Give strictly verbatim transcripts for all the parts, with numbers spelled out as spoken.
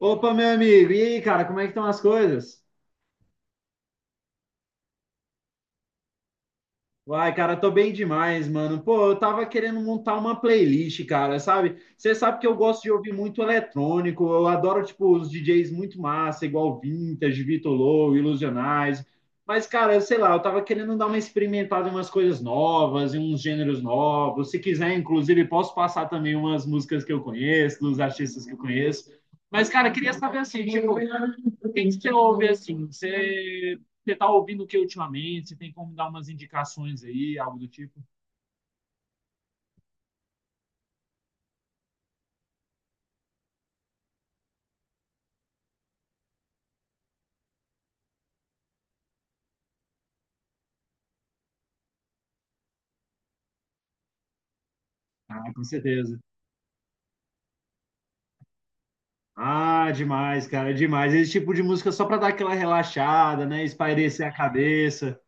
Opa, meu amigo, e aí, cara, como é que estão as coisas? Uai, cara, tô bem demais, mano. Pô, eu tava querendo montar uma playlist, cara, sabe? Você sabe que eu gosto de ouvir muito eletrônico, eu adoro, tipo, os D Js muito massa, igual Vintage, Vitor Low, Ilusionais. Mas, cara, sei lá, eu tava querendo dar uma experimentada em umas coisas novas, em uns gêneros novos. Se quiser, inclusive, posso passar também umas músicas que eu conheço, dos artistas que eu conheço. Mas, cara, queria saber assim, tipo, o que que você ouve assim? Você Você tá ouvindo o que ultimamente? Você tem como dar umas indicações aí, algo do tipo? Ah, com certeza. Ah, demais, cara, demais. Esse tipo de música só para dar aquela relaxada, né? Espairecer a cabeça.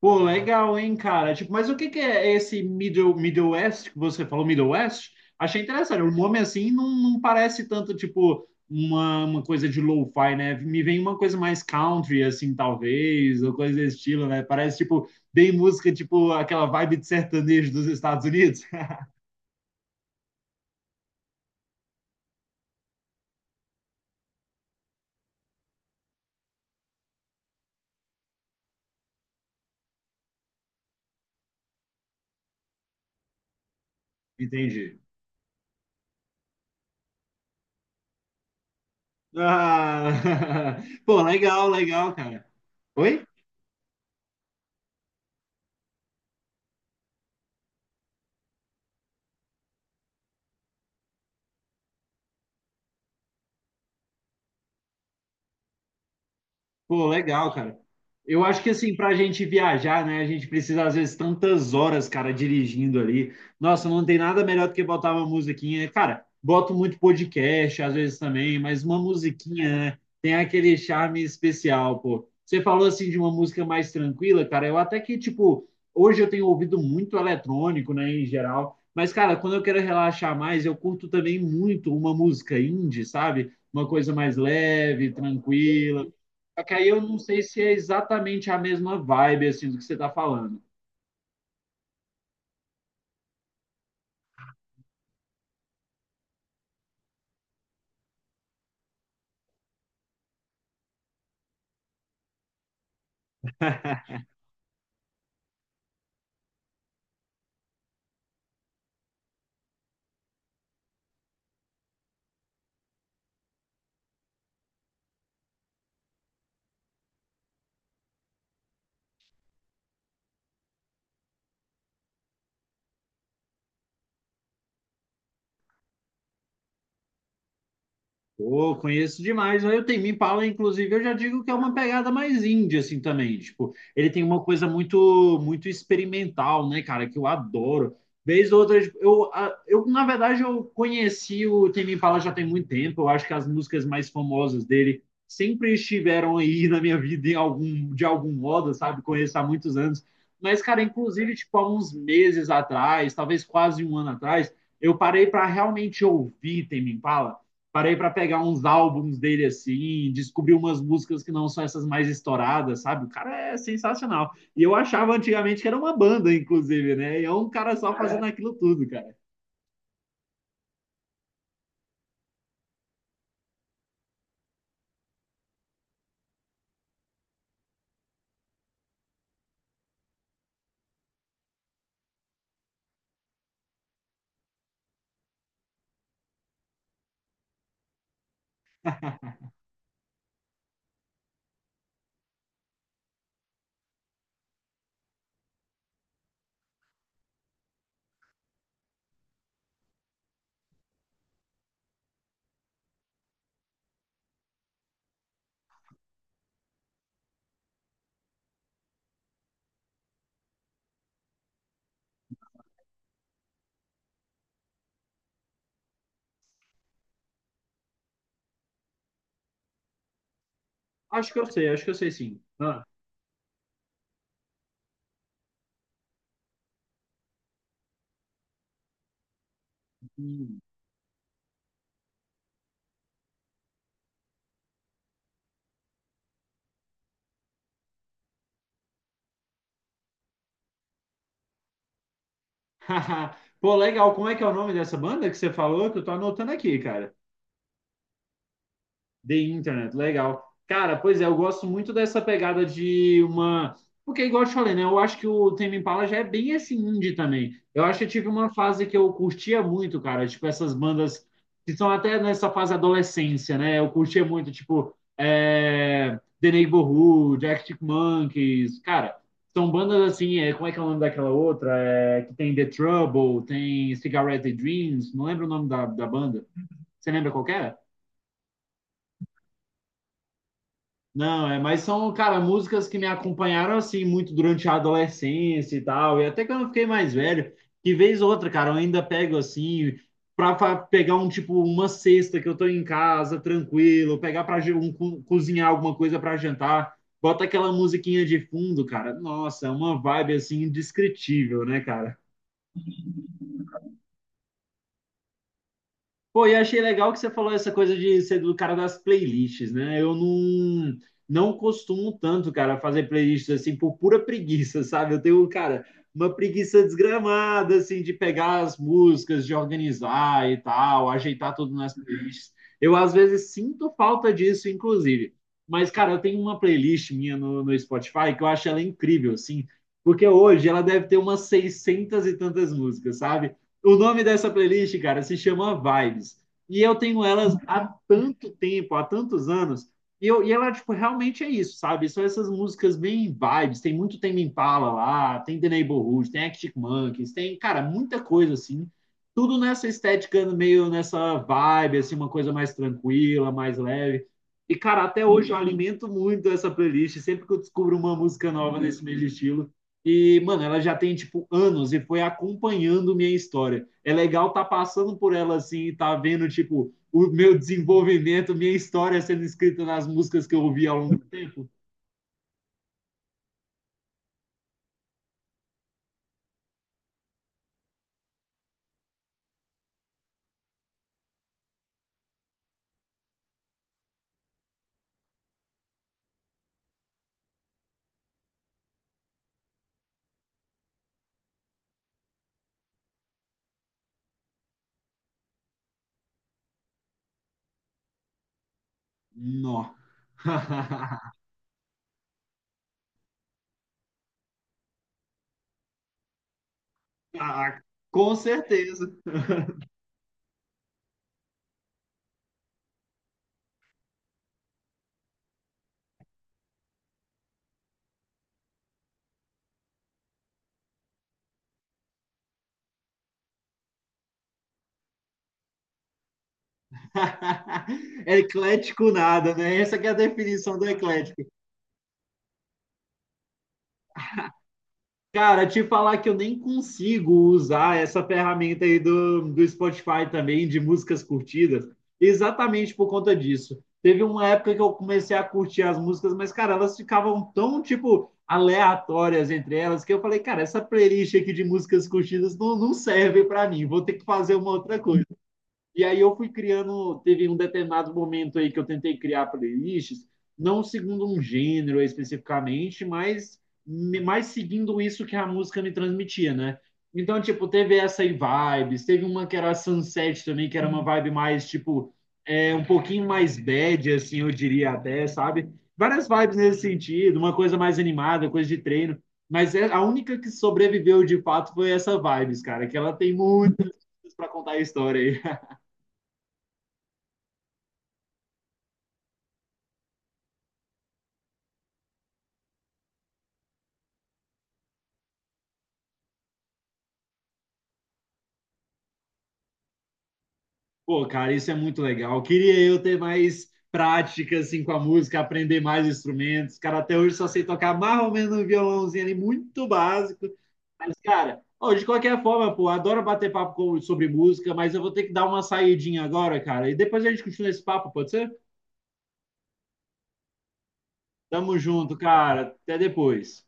Pô, legal, hein, cara? Tipo, mas o que que é esse Middle, Middle West que você falou, Middle West? Achei interessante. O nome assim não, não parece tanto, tipo, uma, uma coisa de lo-fi, né? Me vem uma coisa mais country, assim, talvez, ou coisa desse estilo, né? Parece, tipo, bem música, tipo, aquela vibe de sertanejo dos Estados Unidos. Entendi. Ah, pô, legal, legal, cara. Oi? Pô, legal, cara. Eu acho que assim, pra gente viajar, né, a gente precisa às vezes tantas horas, cara, dirigindo ali. Nossa, não tem nada melhor do que botar uma musiquinha. Cara, boto muito podcast às vezes também, mas uma musiquinha, né, tem aquele charme especial, pô. Você falou assim de uma música mais tranquila, cara. Eu até que, tipo, hoje eu tenho ouvido muito eletrônico, né, em geral. Mas, cara, quando eu quero relaxar mais, eu curto também muito uma música indie, sabe? Uma coisa mais leve, tranquila. Só que aí eu não sei se é exatamente a mesma vibe assim do que você tá falando. Pô, conheço demais. Aí o Tem Me Impala, inclusive, eu já digo que é uma pegada mais indie, assim, também. Tipo, ele tem uma coisa muito muito experimental, né, cara, que eu adoro. Vez ou outra, tipo, eu, a- eu, na verdade, eu conheci o Tem Me Impala já tem muito tempo. Eu acho que as músicas mais famosas dele sempre estiveram aí na minha vida em algum, de algum modo, sabe? Conheço há muitos anos. Mas, cara, inclusive, tipo, há uns meses atrás, talvez quase um ano atrás, eu parei para realmente ouvir Tame Impala. Parei para pegar uns álbuns dele assim, descobri umas músicas que não são essas mais estouradas, sabe? O cara é sensacional. E eu achava antigamente que era uma banda, inclusive, né? E é um cara só fazendo aquilo tudo, cara. Acho que eu sei, acho que eu sei sim. Ah. Hum. Pô, legal. Como é que é o nome dessa banda que você falou? Que eu tô anotando aqui, cara. The Internet, legal. Cara, pois é, eu gosto muito dessa pegada de uma. Porque, igual eu te falei, né? Eu acho que o Tame Impala já é bem esse indie também. Eu acho que eu tive uma fase que eu curtia muito, cara. Tipo, essas bandas que são até nessa fase adolescência, né? Eu curtia muito, tipo, é... The Neighborhood, Arctic Monkeys. Cara, são bandas assim, é... como é que é o nome daquela outra? É... Que tem The Trouble, tem Cigarette Dreams, não lembro o nome da, da banda. Você lembra qual que era? Não, é, mas são, cara, músicas que me acompanharam assim muito durante a adolescência e tal, e até que eu não fiquei mais velho, que vez ou outra, cara, eu ainda pego assim pra fa- pegar um tipo uma cesta que eu tô em casa, tranquilo, pegar para um, co- cozinhar alguma coisa pra jantar, bota aquela musiquinha de fundo, cara. Nossa, é uma vibe assim indescritível, né, cara? Pô, e achei legal que você falou essa coisa de ser do cara das playlists, né? Eu não, não costumo tanto, cara, fazer playlists assim por pura preguiça, sabe? Eu tenho, cara, uma preguiça desgramada, assim, de pegar as músicas, de organizar e tal, ajeitar tudo nas playlists. Eu, às vezes, sinto falta disso, inclusive. Mas, cara, eu tenho uma playlist minha no, no Spotify que eu acho ela incrível, assim, porque hoje ela deve ter umas seiscentas e tantas músicas, sabe? O nome dessa playlist, cara, se chama Vibes. E eu tenho elas há tanto tempo, há tantos anos. E, eu, e ela, tipo, realmente é isso, sabe? São essas músicas bem vibes. Tem muito Tame Impala lá, tem The Neighborhood, tem Arctic Monkeys, tem, cara, muita coisa, assim. Tudo nessa estética, meio nessa vibe, assim, uma coisa mais tranquila, mais leve. E, cara, até hoje eu alimento muito essa playlist. Sempre que eu descubro uma música nova nesse mesmo estilo, e, mano, ela já tem, tipo, anos e foi acompanhando minha história. É legal tá passando por ela, assim, e tá vendo, tipo, o meu desenvolvimento, minha história sendo escrita nas músicas que eu ouvi ao longo do tempo. Nó. Com certeza. Eclético nada, né? Essa que é a definição do eclético. Cara, te falar que eu nem consigo usar essa ferramenta aí do, do Spotify também, de músicas curtidas, exatamente por conta disso. Teve uma época que eu comecei a curtir as músicas, mas, cara, elas ficavam tão, tipo, aleatórias entre elas, que eu falei, cara, essa playlist aqui de músicas curtidas não, não serve para mim, vou ter que fazer uma outra coisa. E aí eu fui criando, teve um determinado momento aí que eu tentei criar playlists, não segundo um gênero especificamente, mas mais seguindo isso que a música me transmitia, né? Então, tipo, teve essa aí vibes, teve uma que era Sunset também, que era uma vibe mais, tipo, é, um pouquinho mais bad, assim, eu diria até, sabe? Várias vibes nesse sentido, uma coisa mais animada, coisa de treino. Mas é- a única que sobreviveu de fato foi essa vibes, cara, que ela tem muito para contar a história aí. Pô, cara, isso é muito legal. Queria eu ter mais prática assim com a música, aprender mais instrumentos. Cara, até hoje só sei tocar mais ou menos um violãozinho ali muito básico. Mas, cara, ó, de qualquer forma, pô, adoro bater papo com- sobre música, mas eu vou ter que dar uma saidinha agora, cara. E depois a gente continua esse papo, pode ser? Tamo junto, cara. Até depois.